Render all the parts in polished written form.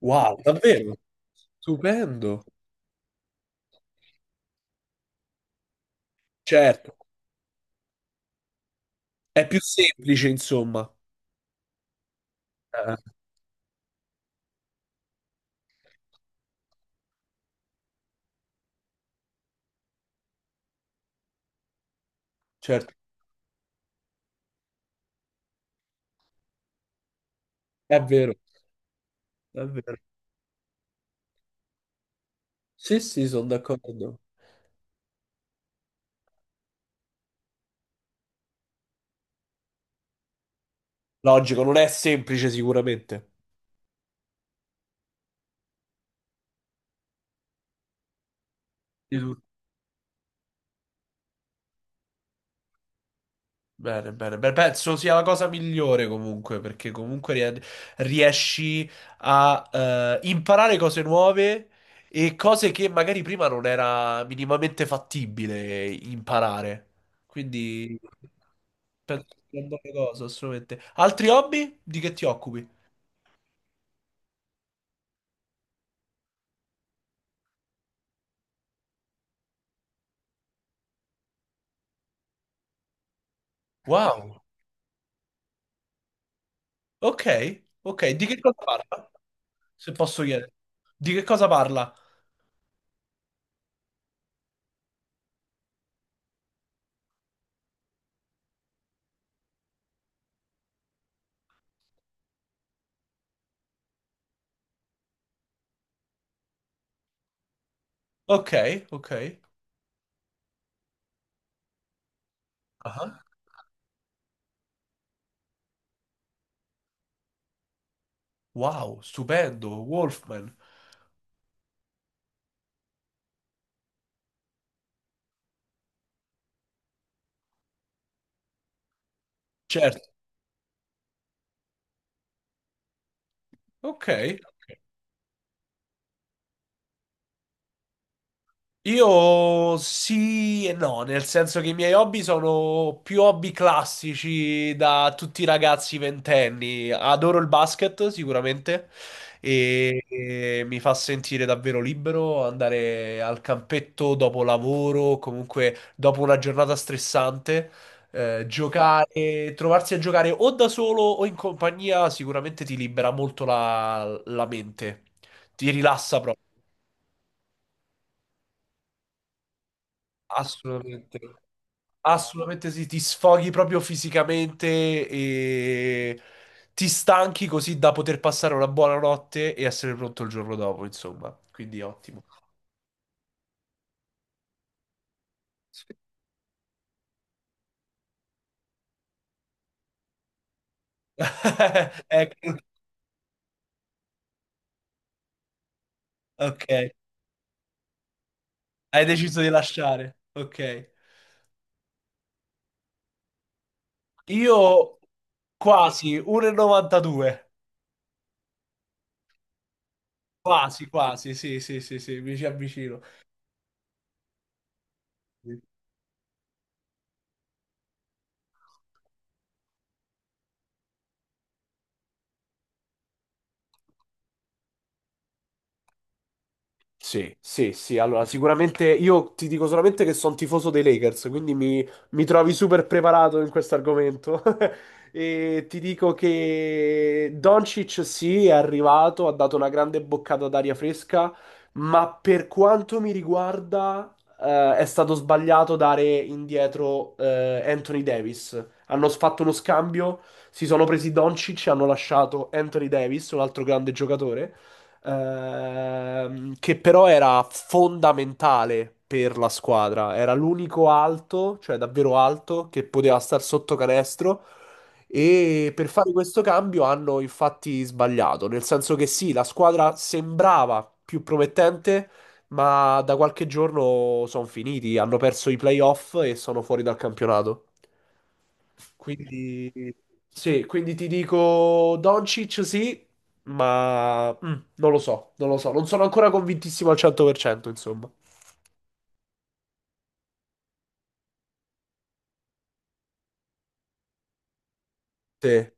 Wow, davvero? Stupendo. Certo, è più semplice, insomma. Eh, certo, è vero, è vero. Sì, sì, sono d'accordo. Logico, non è semplice sicuramente. Bene, bene, bene. Penso sia la cosa migliore comunque, perché comunque riesci a imparare cose nuove e cose che magari prima non era minimamente fattibile imparare. Quindi penso sia una buona cosa, assolutamente. Altri hobby? Di che ti occupi? Wow. Ok, ok. Di che cosa parla? Se posso chiedere. Di che cosa parla? Ok, ok. Ah. Wow, stupendo, Wolfman. Certo. Ok. Ok. Io sì e no, nel senso che i miei hobby sono più hobby classici da tutti i ragazzi ventenni. Adoro il basket sicuramente e mi fa sentire davvero libero andare al campetto dopo lavoro, comunque dopo una giornata stressante, giocare, trovarsi a giocare o da solo o in compagnia sicuramente ti libera molto la mente, ti rilassa proprio. Assolutamente, assolutamente sì, ti sfoghi proprio fisicamente e ti stanchi così da poter passare una buona notte e essere pronto il giorno dopo, insomma, quindi ottimo. Sì. Ecco, ok, hai deciso di lasciare, ok. Io quasi 1,92, quasi, quasi, sì, sì, sì, sì, mi ci avvicino. Sì, sì, sì. Allora, sicuramente io ti dico solamente che sono tifoso dei Lakers, quindi mi trovi super preparato in questo argomento. E ti dico che Doncic sì, è arrivato, ha dato una grande boccata d'aria fresca, ma per quanto mi riguarda, è stato sbagliato dare indietro, Anthony Davis. Hanno fatto uno scambio, si sono presi Doncic e hanno lasciato Anthony Davis, un altro grande giocatore che però era fondamentale per la squadra. Era l'unico alto, cioè davvero alto, che poteva star sotto canestro. E per fare questo cambio hanno infatti sbagliato, nel senso che sì, la squadra sembrava più promettente, ma da qualche giorno sono finiti, hanno perso i playoff e sono fuori dal campionato. Quindi, sì, quindi ti dico Doncic sì, ma non lo so, non lo so. Non sono ancora convintissimo al 100%, insomma. Sì,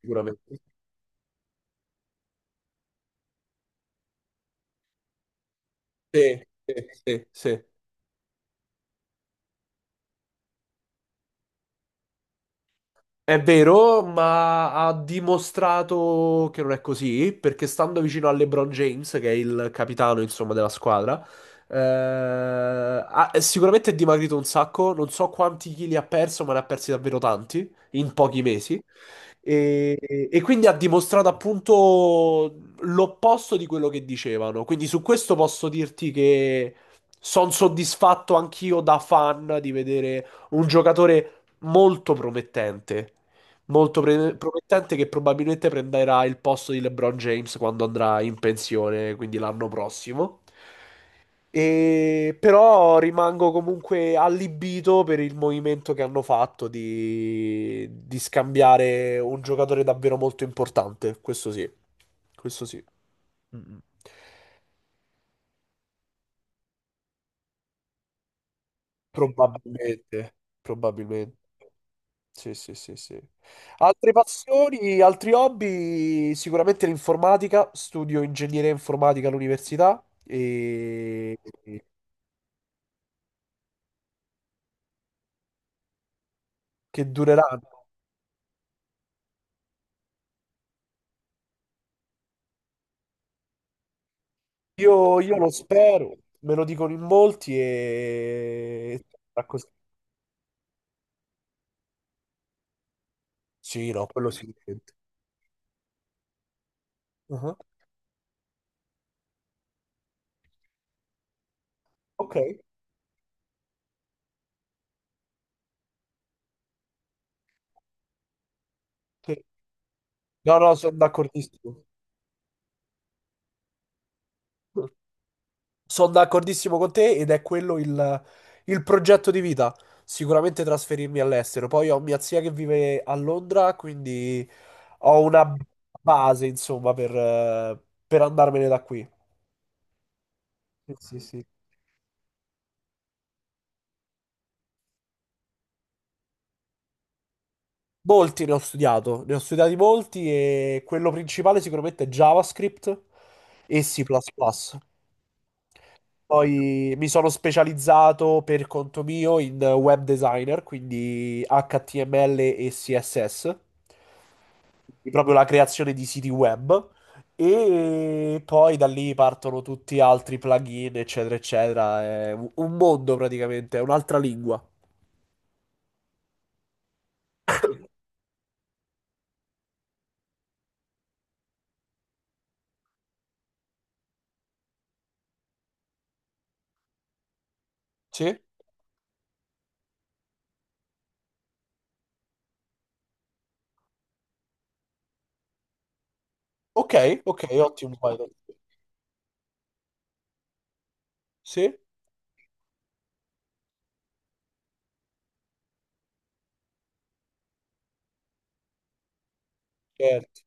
sicuramente. Sì, sì, sì, sì. È vero, ma ha dimostrato che non è così, perché stando vicino a LeBron James, che è il capitano, insomma, della squadra, è sicuramente è dimagrito un sacco, non so quanti chili ha perso, ma ne ha persi davvero tanti in pochi mesi. E, e quindi ha dimostrato appunto l'opposto di quello che dicevano. Quindi su questo posso dirti che sono soddisfatto anch'io da fan di vedere un giocatore molto promettente. Promettente che probabilmente prenderà il posto di LeBron James quando andrà in pensione, quindi l'anno prossimo. E però rimango comunque allibito per il movimento che hanno fatto di scambiare un giocatore davvero molto importante. Questo sì, questo sì. Mm, mm. Probabilmente, probabilmente. Sì, sì, sì, sì. Altre passioni, altri hobby? Sicuramente l'informatica, studio ingegneria informatica all'università e che dureranno. Io lo spero, me lo dicono in molti e... sarà così. Sì, no, quello sicuramente. Ah, ok, sì. No, no, sono d'accordissimo. Sono d'accordissimo con te ed è quello il progetto di vita. Sicuramente trasferirmi all'estero. Poi ho mia zia che vive a Londra, quindi ho una base, insomma, per andarmene da qui. Sì, sì, sì. Molti ne ho studiato, ne ho studiati molti e quello principale sicuramente è JavaScript e C++. Plus plus. Poi mi sono specializzato per conto mio in web designer, quindi HTML e CSS. Proprio la creazione di siti web e poi da lì partono tutti altri plugin, eccetera, eccetera. È un mondo praticamente, è un'altra lingua. Sì? Ok, ok, ottimo Python. Sì? Certo.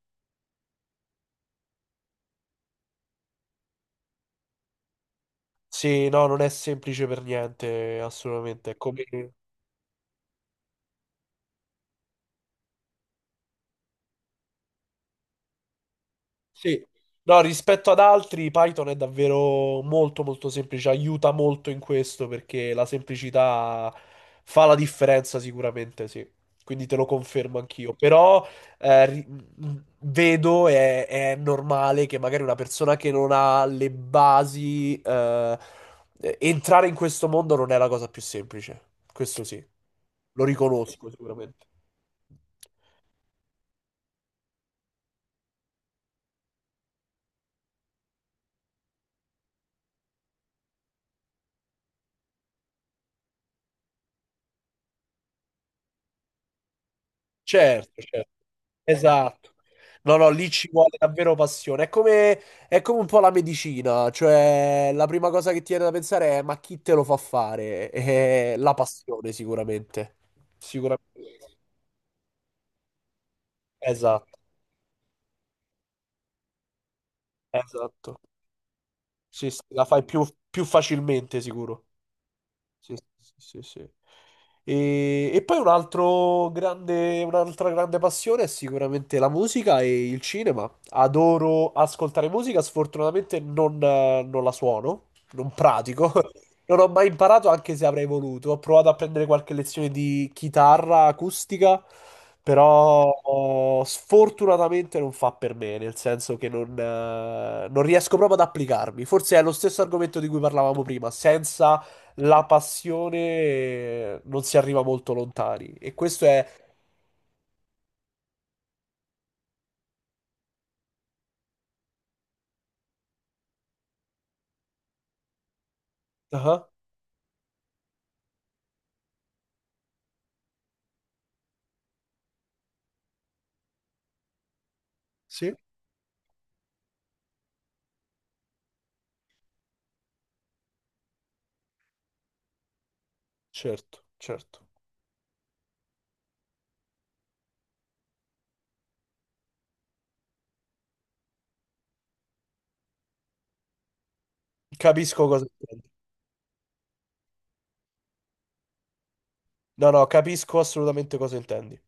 Sì, no, non è semplice per niente, assolutamente. È come... Sì. No, rispetto ad altri, Python è davvero molto molto semplice, aiuta molto in questo perché la semplicità fa la differenza sicuramente, sì. Quindi te lo confermo anch'io. Però vedo e è, normale che magari una persona che non ha le basi, entrare in questo mondo non è la cosa più semplice. Questo sì, lo riconosco sicuramente. Certo, certo. Esatto. No, no, lì ci vuole davvero passione. È come un po' la medicina, cioè la prima cosa che ti viene da pensare è ma chi te lo fa fare? È la passione, sicuramente. Sicuramente. Esatto, esatto. Sì, sì, la fai più, più facilmente, sicuro. Sì, sì, sì, sì. E poi un altro grande, un'altra grande passione è sicuramente la musica e il cinema. Adoro ascoltare musica, sfortunatamente non, non la suono, non pratico. Non ho mai imparato, anche se avrei voluto. Ho provato a prendere qualche lezione di chitarra acustica, però oh, sfortunatamente non fa per me, nel senso che non, non riesco proprio ad applicarmi. Forse è lo stesso argomento di cui parlavamo prima, senza la passione non si arriva molto lontani. E questo è... Ah, sì? Certo, certo. Capisco cosa intendi. No, no, capisco assolutamente cosa intendi.